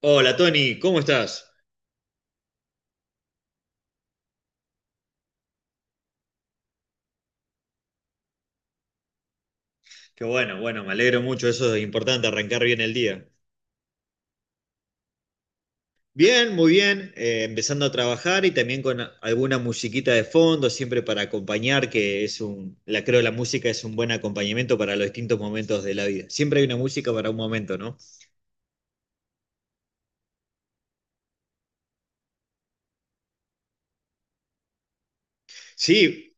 Hola Tony, ¿cómo estás? Qué bueno, bueno, me alegro mucho, eso es importante, arrancar bien el día. Bien, muy bien, empezando a trabajar y también con alguna musiquita de fondo, siempre para acompañar, que es un, la creo la música es un buen acompañamiento para los distintos momentos de la vida. Siempre hay una música para un momento, ¿no? Sí.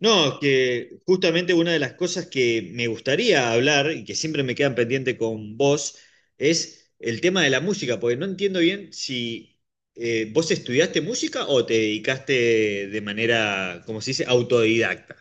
No, que justamente una de las cosas que me gustaría hablar y que siempre me quedan pendiente con vos es el tema de la música, porque no entiendo bien si vos estudiaste música o te dedicaste de manera, como se dice, autodidacta.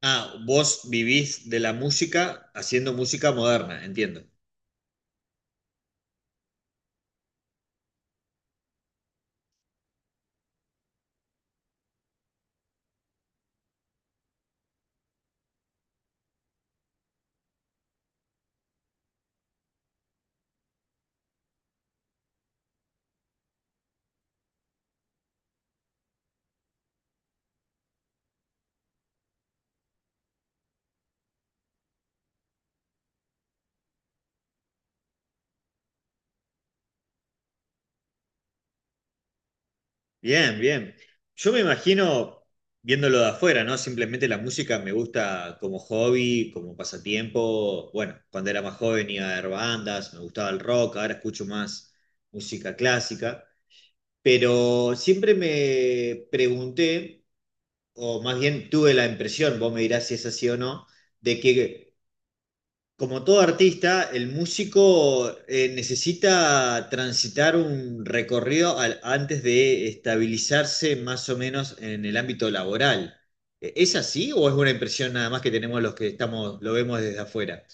Ah, vos vivís de la música haciendo música moderna, entiendo. Bien, bien. Yo me imagino viéndolo de afuera, ¿no? Simplemente la música me gusta como hobby, como pasatiempo. Bueno, cuando era más joven iba a ver bandas, me gustaba el rock, ahora escucho más música clásica. Pero siempre me pregunté, o más bien tuve la impresión, vos me dirás si es así o no, de que como todo artista, el músico necesita transitar un recorrido antes de estabilizarse más o menos en el ámbito laboral. ¿Es así o es una impresión nada más que tenemos los que estamos, lo vemos desde afuera?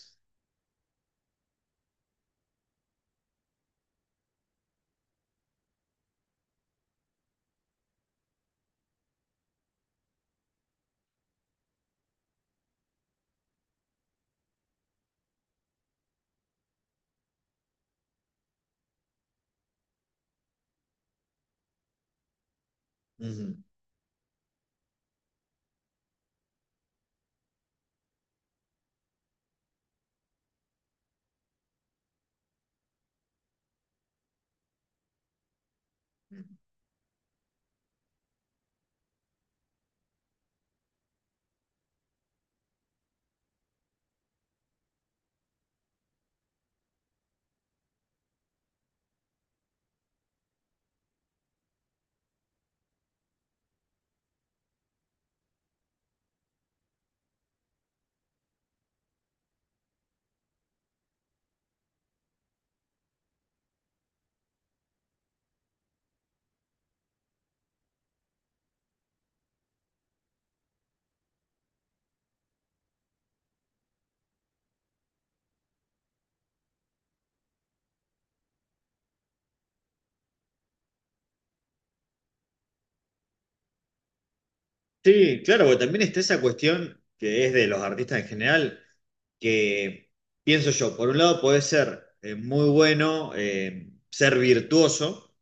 Ujú. Sí, claro, porque también está esa cuestión que es de los artistas en general, que pienso yo, por un lado puede ser muy bueno, ser virtuoso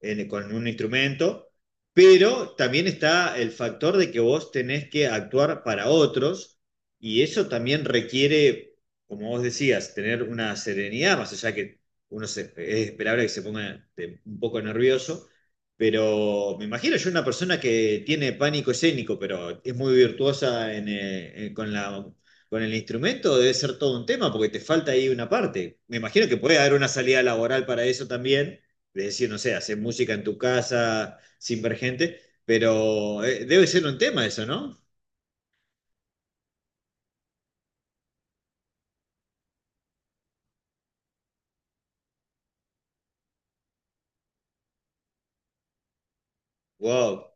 con un instrumento, pero también está el factor de que vos tenés que actuar para otros y eso también requiere, como vos decías, tener una serenidad, más allá que es esperable que se ponga un poco nervioso, pero me imagino yo una persona que tiene pánico escénico, pero es muy virtuosa en, con la... Con el instrumento debe ser todo un tema porque te falta ahí una parte. Me imagino que puede haber una salida laboral para eso también, de decir, no sé, hacer música en tu casa sin ver gente, pero debe ser un tema eso, ¿no? Wow.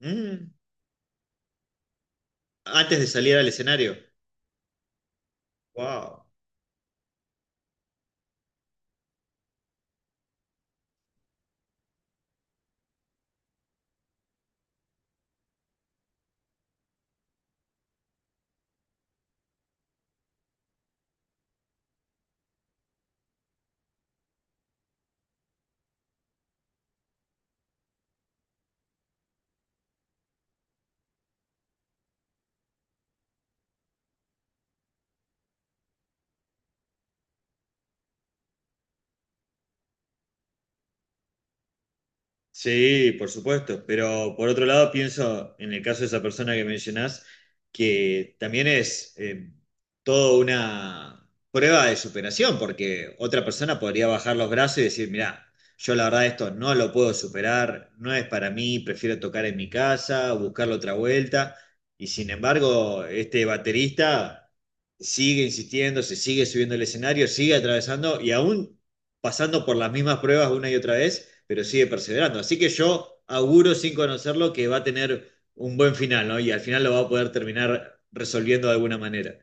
Mm. Antes de salir al escenario. Wow. Sí, por supuesto, pero por otro lado pienso en el caso de esa persona que mencionás, que también es toda una prueba de superación, porque otra persona podría bajar los brazos y decir, mirá, yo la verdad esto no lo puedo superar, no es para mí, prefiero tocar en mi casa, buscarle otra vuelta, y sin embargo este baterista sigue insistiendo, se sigue subiendo al escenario, sigue atravesando y aún pasando por las mismas pruebas una y otra vez, pero sigue perseverando. Así que yo auguro sin conocerlo que va a tener un buen final, ¿no? Y al final lo va a poder terminar resolviendo de alguna manera.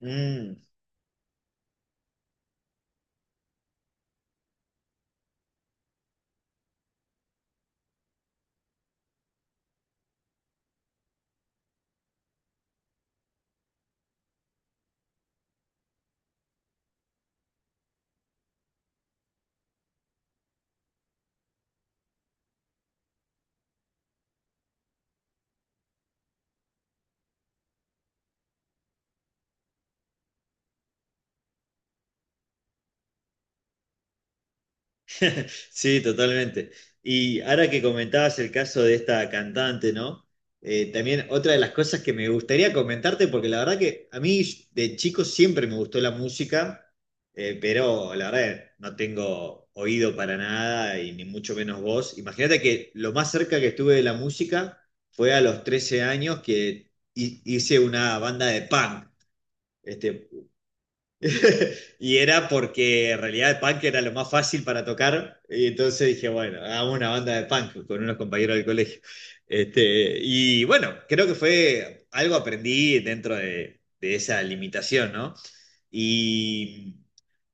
Mm. Sí, totalmente. Y ahora que comentabas el caso de esta cantante, ¿no? También otra de las cosas que me gustaría comentarte, porque la verdad que a mí de chico siempre me gustó la música, pero la verdad no tengo oído para nada y ni mucho menos voz. Imagínate que lo más cerca que estuve de la música fue a los 13 años que hice una banda de punk. Este. Y era porque en realidad el punk era lo más fácil para tocar. Y entonces dije, bueno, hagamos una banda de punk con unos compañeros del colegio. Este, y bueno, creo que fue algo aprendí dentro de esa limitación, ¿no? Y,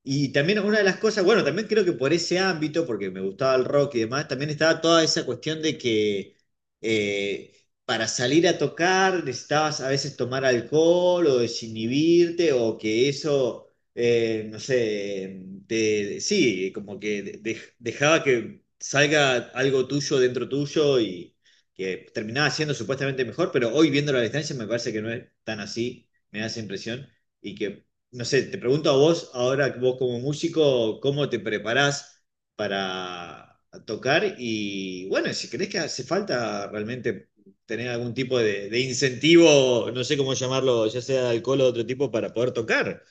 y también una de las cosas, bueno, también creo que por ese ámbito, porque me gustaba el rock y demás, también estaba toda esa cuestión de que eh, para salir a tocar necesitabas a veces tomar alcohol o desinhibirte o que eso, no sé, sí, como que dejaba que salga algo tuyo dentro tuyo y que terminaba siendo supuestamente mejor, pero hoy viendo la distancia me parece que no es tan así, me da esa impresión, y que, no sé, te pregunto a vos, ahora vos como músico, ¿cómo te preparás para tocar? Y bueno, si crees que hace falta realmente... tener algún tipo de incentivo, no sé cómo llamarlo, ya sea de alcohol o de otro tipo, para poder tocar.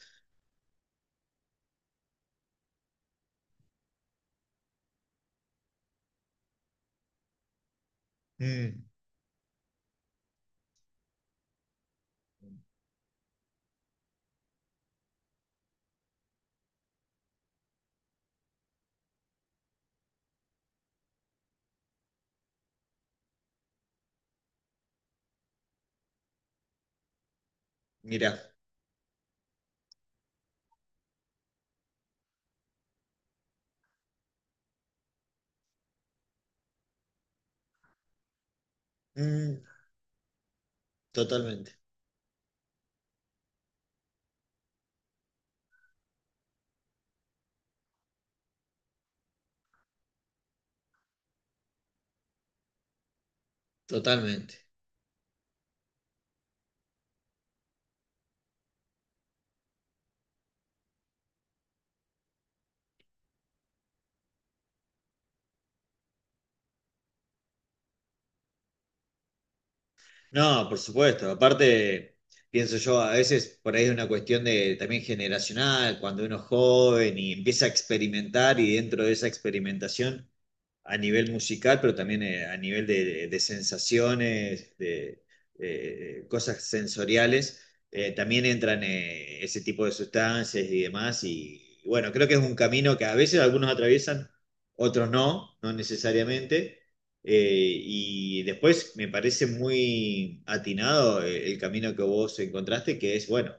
Mm. Mirá. Mm, totalmente, totalmente. No, por supuesto. Aparte, pienso yo, a veces por ahí es una cuestión de también generacional, cuando uno es joven y empieza a experimentar y dentro de esa experimentación a nivel musical, pero también a nivel de sensaciones, de cosas sensoriales, también entran ese tipo de sustancias y demás. Y, bueno, creo que es un camino que a veces algunos atraviesan, otros no, no necesariamente. Y después me parece muy atinado el camino que vos encontraste, que es, bueno,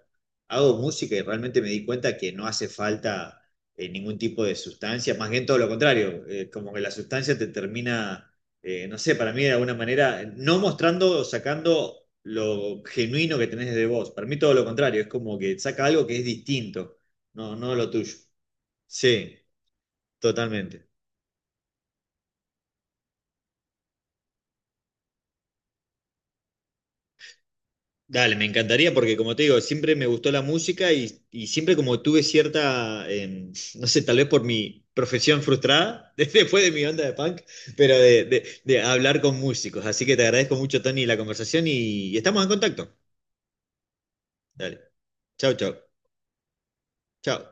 hago música y realmente me di cuenta que no hace falta ningún tipo de sustancia, más bien todo lo contrario, como que la sustancia te termina, no sé, para mí de alguna manera, no mostrando o sacando lo genuino que tenés de vos, para mí todo lo contrario, es como que saca algo que es distinto, no, no lo tuyo. Sí, totalmente. Dale, me encantaría porque como te digo, siempre me gustó la música y siempre como tuve cierta, no sé, tal vez por mi profesión frustrada, después de mi onda de punk, pero de, de hablar con músicos. Así que te agradezco mucho, Tony, la conversación y estamos en contacto. Dale. Chao, chao. Chao.